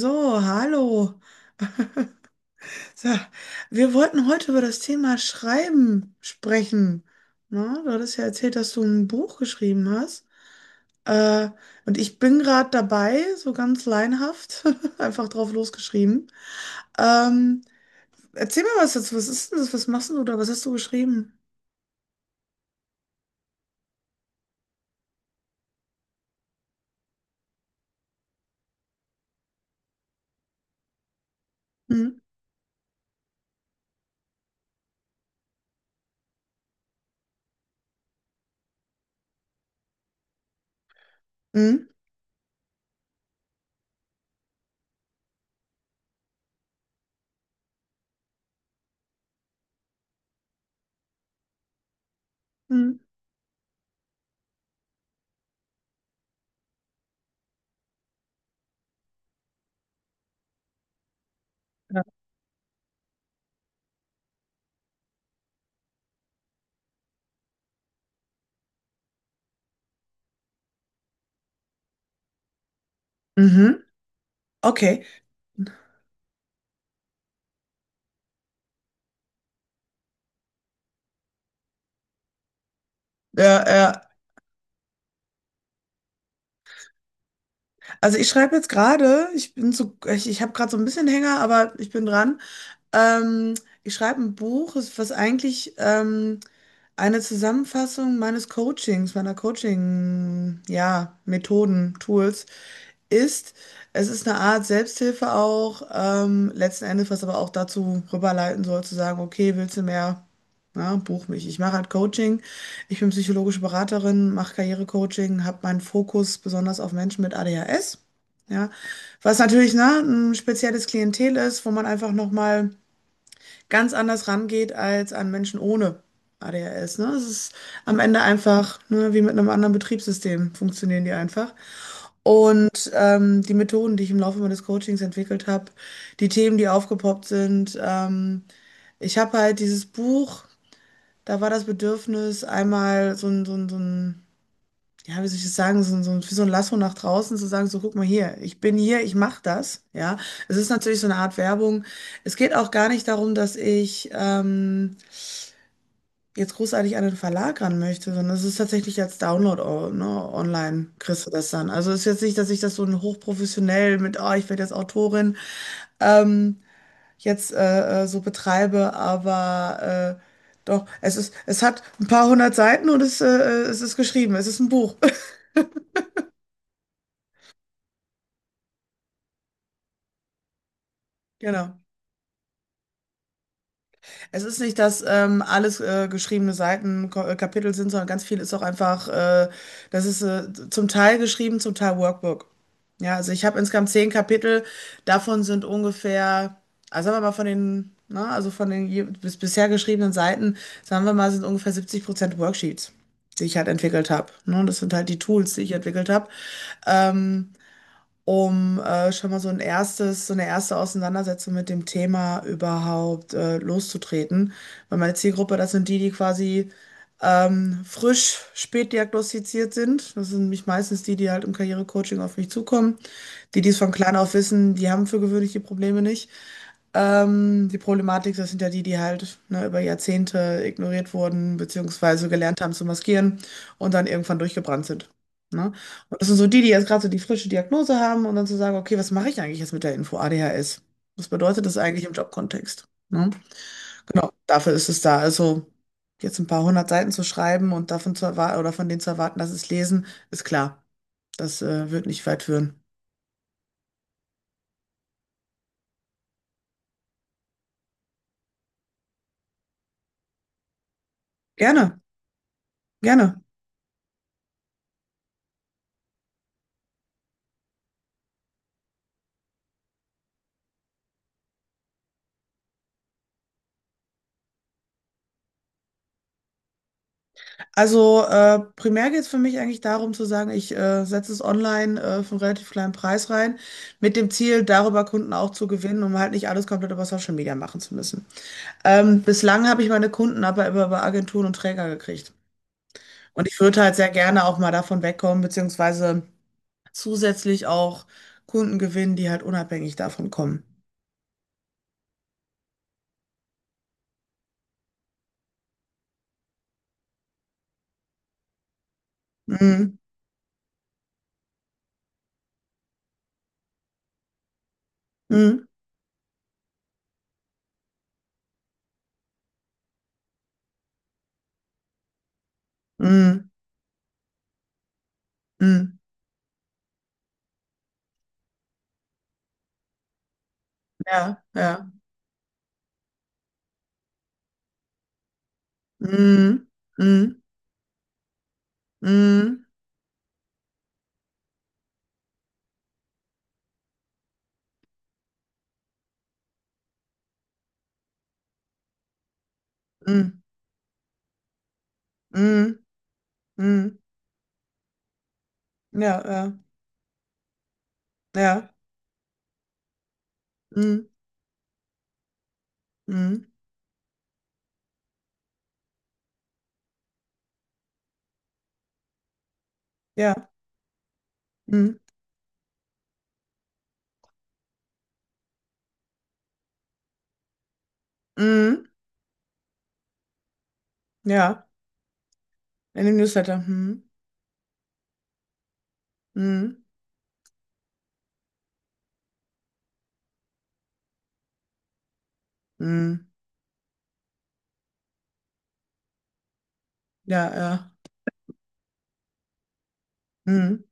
So, hallo. So, wir wollten heute über das Thema Schreiben sprechen. Na, du hattest ja erzählt, dass du ein Buch geschrieben hast. Äh, und ich bin gerade dabei, so ganz laienhaft, einfach drauf losgeschrieben. Ähm, Erzähl mir was dazu. Was ist denn das? Was machst denn du da? Was hast du geschrieben? Hm? Hm? Hm? Mhm. Okay. Ja, ja. Also ich schreibe jetzt gerade, ich bin so, ich habe gerade so ein bisschen Hänger, aber ich bin dran. Ähm, Ich schreibe ein Buch, was eigentlich eine Zusammenfassung meines Coachings, meiner Coaching, ja, Methoden, Tools ist. Es ist eine Art Selbsthilfe auch, letzten Endes, was aber auch dazu rüberleiten soll, zu sagen, okay, willst du mehr? Na, buch mich. Ich mache halt Coaching. Ich bin psychologische Beraterin, mache Karrierecoaching, habe meinen Fokus besonders auf Menschen mit ADHS. Ja, was natürlich, ne, ein spezielles Klientel ist, wo man einfach nochmal ganz anders rangeht als an Menschen ohne ADHS. Ne? Es ist am Ende einfach, ne, wie mit einem anderen Betriebssystem funktionieren die einfach. Und die Methoden, die ich im Laufe meines Coachings entwickelt habe, die Themen, die aufgepoppt sind. Ich habe halt dieses Buch, da war das Bedürfnis, einmal so ein ja, wie soll ich das sagen, wie so ein Lasso nach draußen zu sagen, so guck mal hier, ich bin hier, ich mache das. Ja, es ist natürlich so eine Art Werbung. Es geht auch gar nicht darum, dass ich jetzt großartig an den Verlag ran möchte, sondern es ist tatsächlich als Download, ne, online kriegst du das dann. Also es ist jetzt nicht, dass ich das so hochprofessionell mit, ich werde jetzt Autorin, ähm, jetzt so betreibe, aber doch, es ist, es hat ein paar hundert Seiten und es ist geschrieben, es ist ein Buch. Genau. Es ist nicht, dass alles geschriebene Seiten Kapitel sind, sondern ganz viel ist auch einfach, das ist zum Teil geschrieben, zum Teil Workbook. Ja, also ich habe insgesamt 10 Kapitel, davon sind ungefähr, also sagen wir mal von den, na, also von den bisher geschriebenen Seiten, sagen wir mal, sind ungefähr 70% Worksheets, die ich halt entwickelt habe. Ne? Und das sind halt die Tools, die ich entwickelt habe. Ähm, Um schon mal so ein erstes, so eine erste Auseinandersetzung mit dem Thema überhaupt loszutreten. Weil meine Zielgruppe, das sind die, die quasi frisch spät diagnostiziert sind. Das sind nämlich meistens die, die halt im Karrierecoaching auf mich zukommen. Die, die es von klein auf wissen, die haben für gewöhnlich die Probleme nicht. Die Problematik, das sind ja die, die halt ne, über Jahrzehnte ignoriert wurden, beziehungsweise gelernt haben zu maskieren und dann irgendwann durchgebrannt sind. Ne? Und das sind so die, die jetzt gerade so die frische Diagnose haben und dann zu sagen, okay, was mache ich eigentlich jetzt mit der Info ADHS? Was bedeutet das eigentlich im Jobkontext? Ne? Genau, dafür ist es da. Also jetzt ein paar hundert Seiten zu schreiben und davon zu erwarten oder von denen zu erwarten, dass sie es lesen, ist klar. Das wird nicht weit führen. Gerne, gerne. Also primär geht es für mich eigentlich darum zu sagen, ich setze es online für einen relativ kleinen Preis rein, mit dem Ziel, darüber Kunden auch zu gewinnen, um halt nicht alles komplett über Social Media machen zu müssen. Bislang habe ich meine Kunden aber immer über Agenturen und Träger gekriegt. Und ich würde halt sehr gerne auch mal davon wegkommen, beziehungsweise zusätzlich auch Kunden gewinnen, die halt unabhängig davon kommen. Mhm. Mhm. Mhm. Mhm. Ja, ja. Mhm. Mhm. Mhm. Mhm. Mhm. Mhm. Ja, ja, ja. Mhm. Mhm. Ja. Mhm. Mhm. Ja. In dem Newsletter. Mhm. Mhm. Mhm. Ja, ja. Mhm.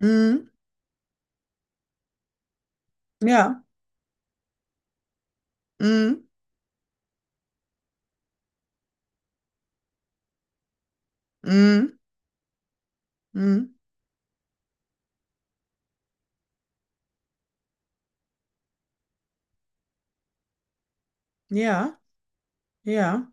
Mhm. Ja. Mhm. Mhm. Mhm. Ja. Ja.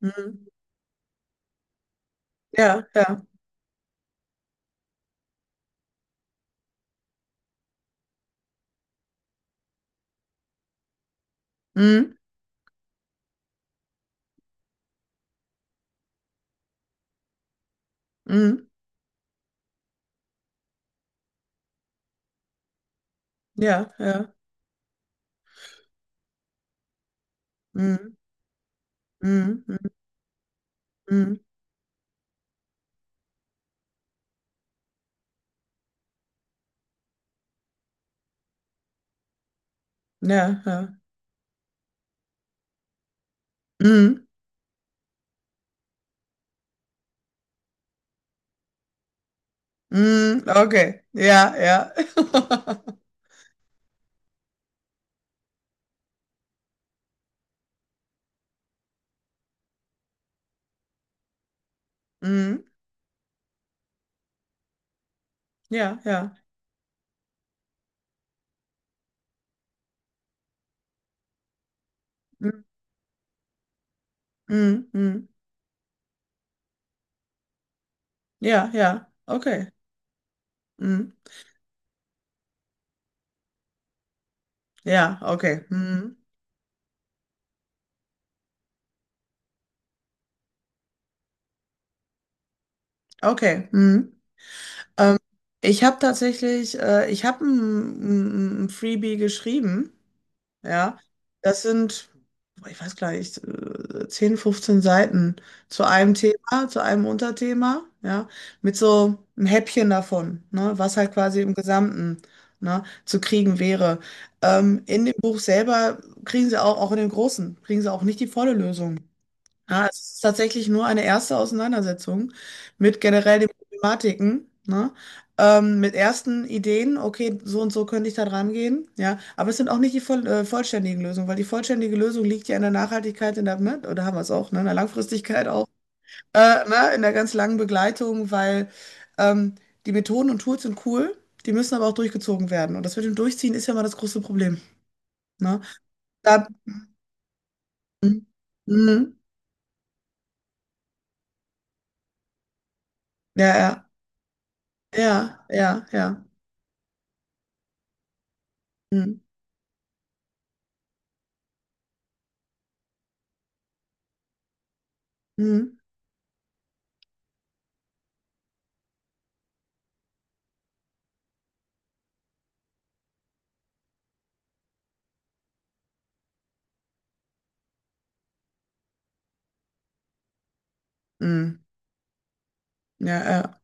Mhm. Ja, ja. Mhm. Mhm. Ja, ja. Mhm. Mhm. Mhm. Ja, ja. Mhm. Mhm. Okay. Ja, ja. Mhm. Ja, ja. Mhm. Mhm. Ja, ja. Okay. Mhm. Ja, okay. Mhm. Okay. Mhm. Ähm, Ich habe tatsächlich, ich habe ein Freebie geschrieben. Ja, das sind, boah, ich weiß gar nicht, 10, 15 Seiten zu einem Thema, zu einem Unterthema. Ja, mit so einem Häppchen davon, ne, was halt quasi im Gesamten, ne, zu kriegen wäre. In dem Buch selber kriegen sie auch, auch in dem Großen, kriegen sie auch nicht die volle Lösung. Ja, es ist tatsächlich nur eine erste Auseinandersetzung mit generell den Problematiken, ne? Mit ersten Ideen, okay, so und so könnte ich da dran gehen, ja. Aber es sind auch nicht die vollständigen Lösungen, weil die vollständige Lösung liegt ja in der Nachhaltigkeit, in der, ne? Oder haben wir es auch, ne? In der Langfristigkeit auch, ne? In der ganz langen Begleitung, weil ähm, die Methoden und Tools sind cool, die müssen aber auch durchgezogen werden. Und das mit dem Durchziehen ist ja mal das große Problem, ne? Da, Mhm. Mhm. Ja, ja, ja, ja, ja. Mhm. Mhm. Mhm. Ja, ja.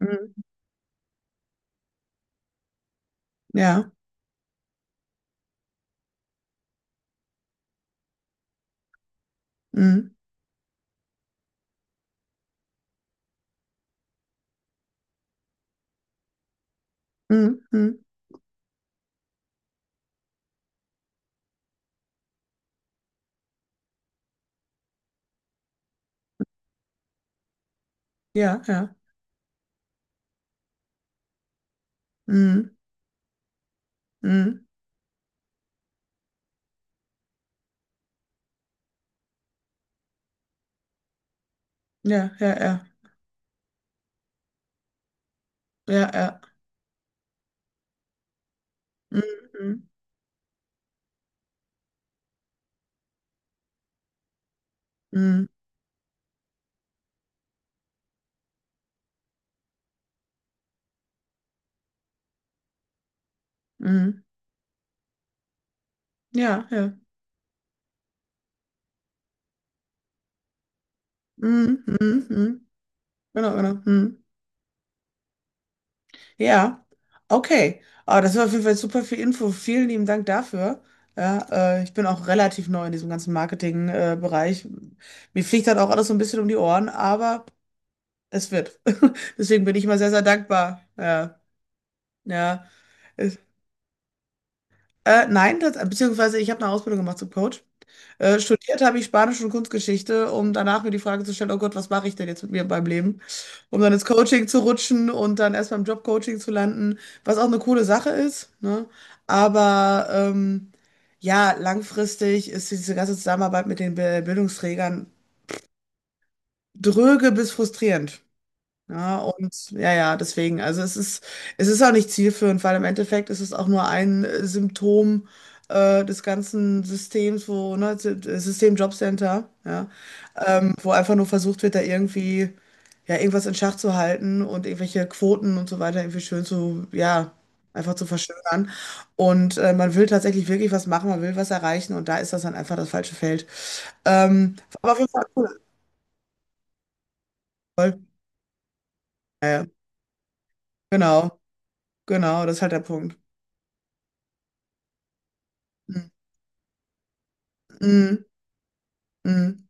Mhm. Ja. Mhm. Mhm. Mhm. Ja, ja. Mhm. Mhm. Ja, ja, ja. Ja, ja. Mhm. Mhm. Mhm. Ja, ja. Mhm. Mhm. Mhm. Genau, genau. Mhm. Ja. Okay. Ah, das war auf jeden Fall super viel Info. Vielen lieben Dank dafür. Ja, ich bin auch relativ neu in diesem ganzen Marketing-Bereich. Mir fliegt halt auch alles so ein bisschen um die Ohren, aber es wird. Deswegen bin ich immer sehr, sehr dankbar. Ja, ja. Nein, das, beziehungsweise ich habe eine Ausbildung gemacht zum Coach. Studiert habe ich Spanisch und Kunstgeschichte, um danach mir die Frage zu stellen, oh Gott, was mache ich denn jetzt mit mir beim Leben? Um dann ins Coaching zu rutschen und dann erst beim Jobcoaching zu landen, was auch eine coole Sache ist, ne? Aber ja, langfristig ist diese ganze Zusammenarbeit mit den Be- Bildungsträgern dröge bis frustrierend. Ja, und ja, ja, deswegen, also es ist auch nicht zielführend, weil im Endeffekt ist es auch nur ein Symptom des ganzen Systems, wo, ne, System Jobcenter, ja, wo einfach nur versucht wird, da irgendwie, ja, irgendwas in Schach zu halten und irgendwelche Quoten und so weiter irgendwie schön zu, ja, einfach zu verschönern. Und man will tatsächlich wirklich was machen, man will was erreichen und da ist das dann einfach das falsche Feld. Aber auf jeden Fall cool. Voll. Ja, ja. Genau, genau, das ist halt der Punkt. Mhm, mhm,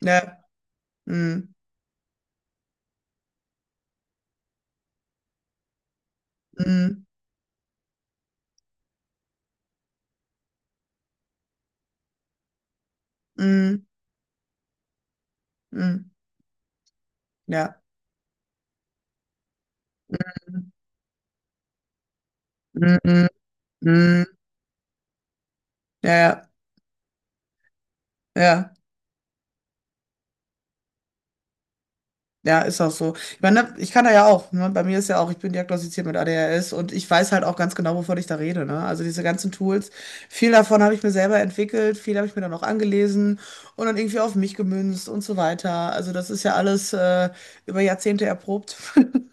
ja, mhm, mhm, mhm, mhm, ja, mhm, mhm, mhm, ja, ja, ja, ja, ist auch so. Ich meine, ne, ich kann da ja auch, ne? Bei mir ist ja auch, ich bin diagnostiziert mit ADHS und ich weiß halt auch ganz genau, wovon ich da rede, ne? Also diese ganzen Tools, viel davon habe ich mir selber entwickelt, viel habe ich mir dann auch angelesen und dann irgendwie auf mich gemünzt und so weiter. Also das ist ja alles über Jahrzehnte erprobt.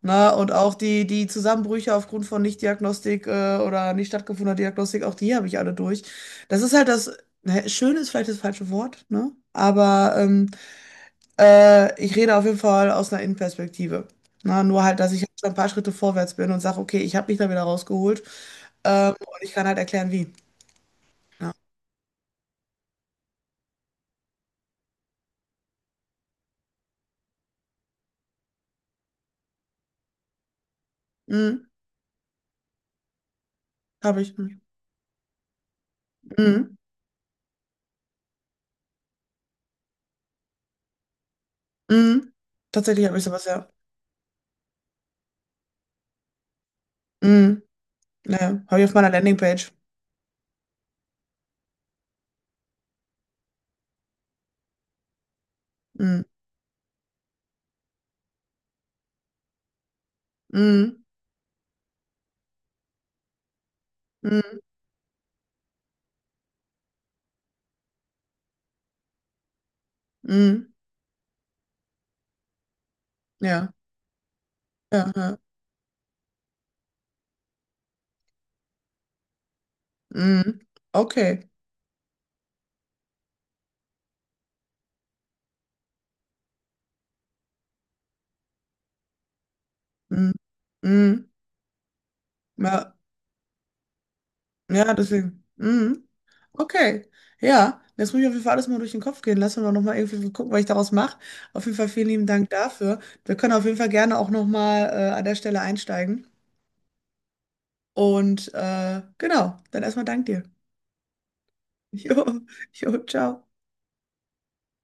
Na, und auch die Zusammenbrüche aufgrund von Nichtdiagnostik oder nicht stattgefundener Diagnostik, auch die habe ich alle durch. Das ist halt das, ne, schön ist vielleicht das falsche Wort, ne? Aber ich rede auf jeden Fall aus einer Innenperspektive. Na, nur halt, dass ich schon ein paar Schritte vorwärts bin und sage, okay, ich habe mich da wieder rausgeholt und ich kann halt erklären, wie. Ja. Mhm, habe ich. Mhm. Mhm. Mhm. Tatsächlich habe ich sowas, ja. Mhm. Ja, ja. Habe ich auf meiner Landingpage. Mhm. Mhm. Mhm. Mhm. Ja. Ja, ja. Mhm. Okay. Mhm. Mhm. Ja, ja, deswegen. Mhm. Okay. Ja, jetzt muss ich auf jeden Fall alles mal durch den Kopf gehen lassen und auch nochmal irgendwie so gucken, was ich daraus mache. Auf jeden Fall vielen lieben Dank dafür. Wir können auf jeden Fall gerne auch nochmal an der Stelle einsteigen. Und genau, dann erstmal Dank dir. Jo, jo, ciao.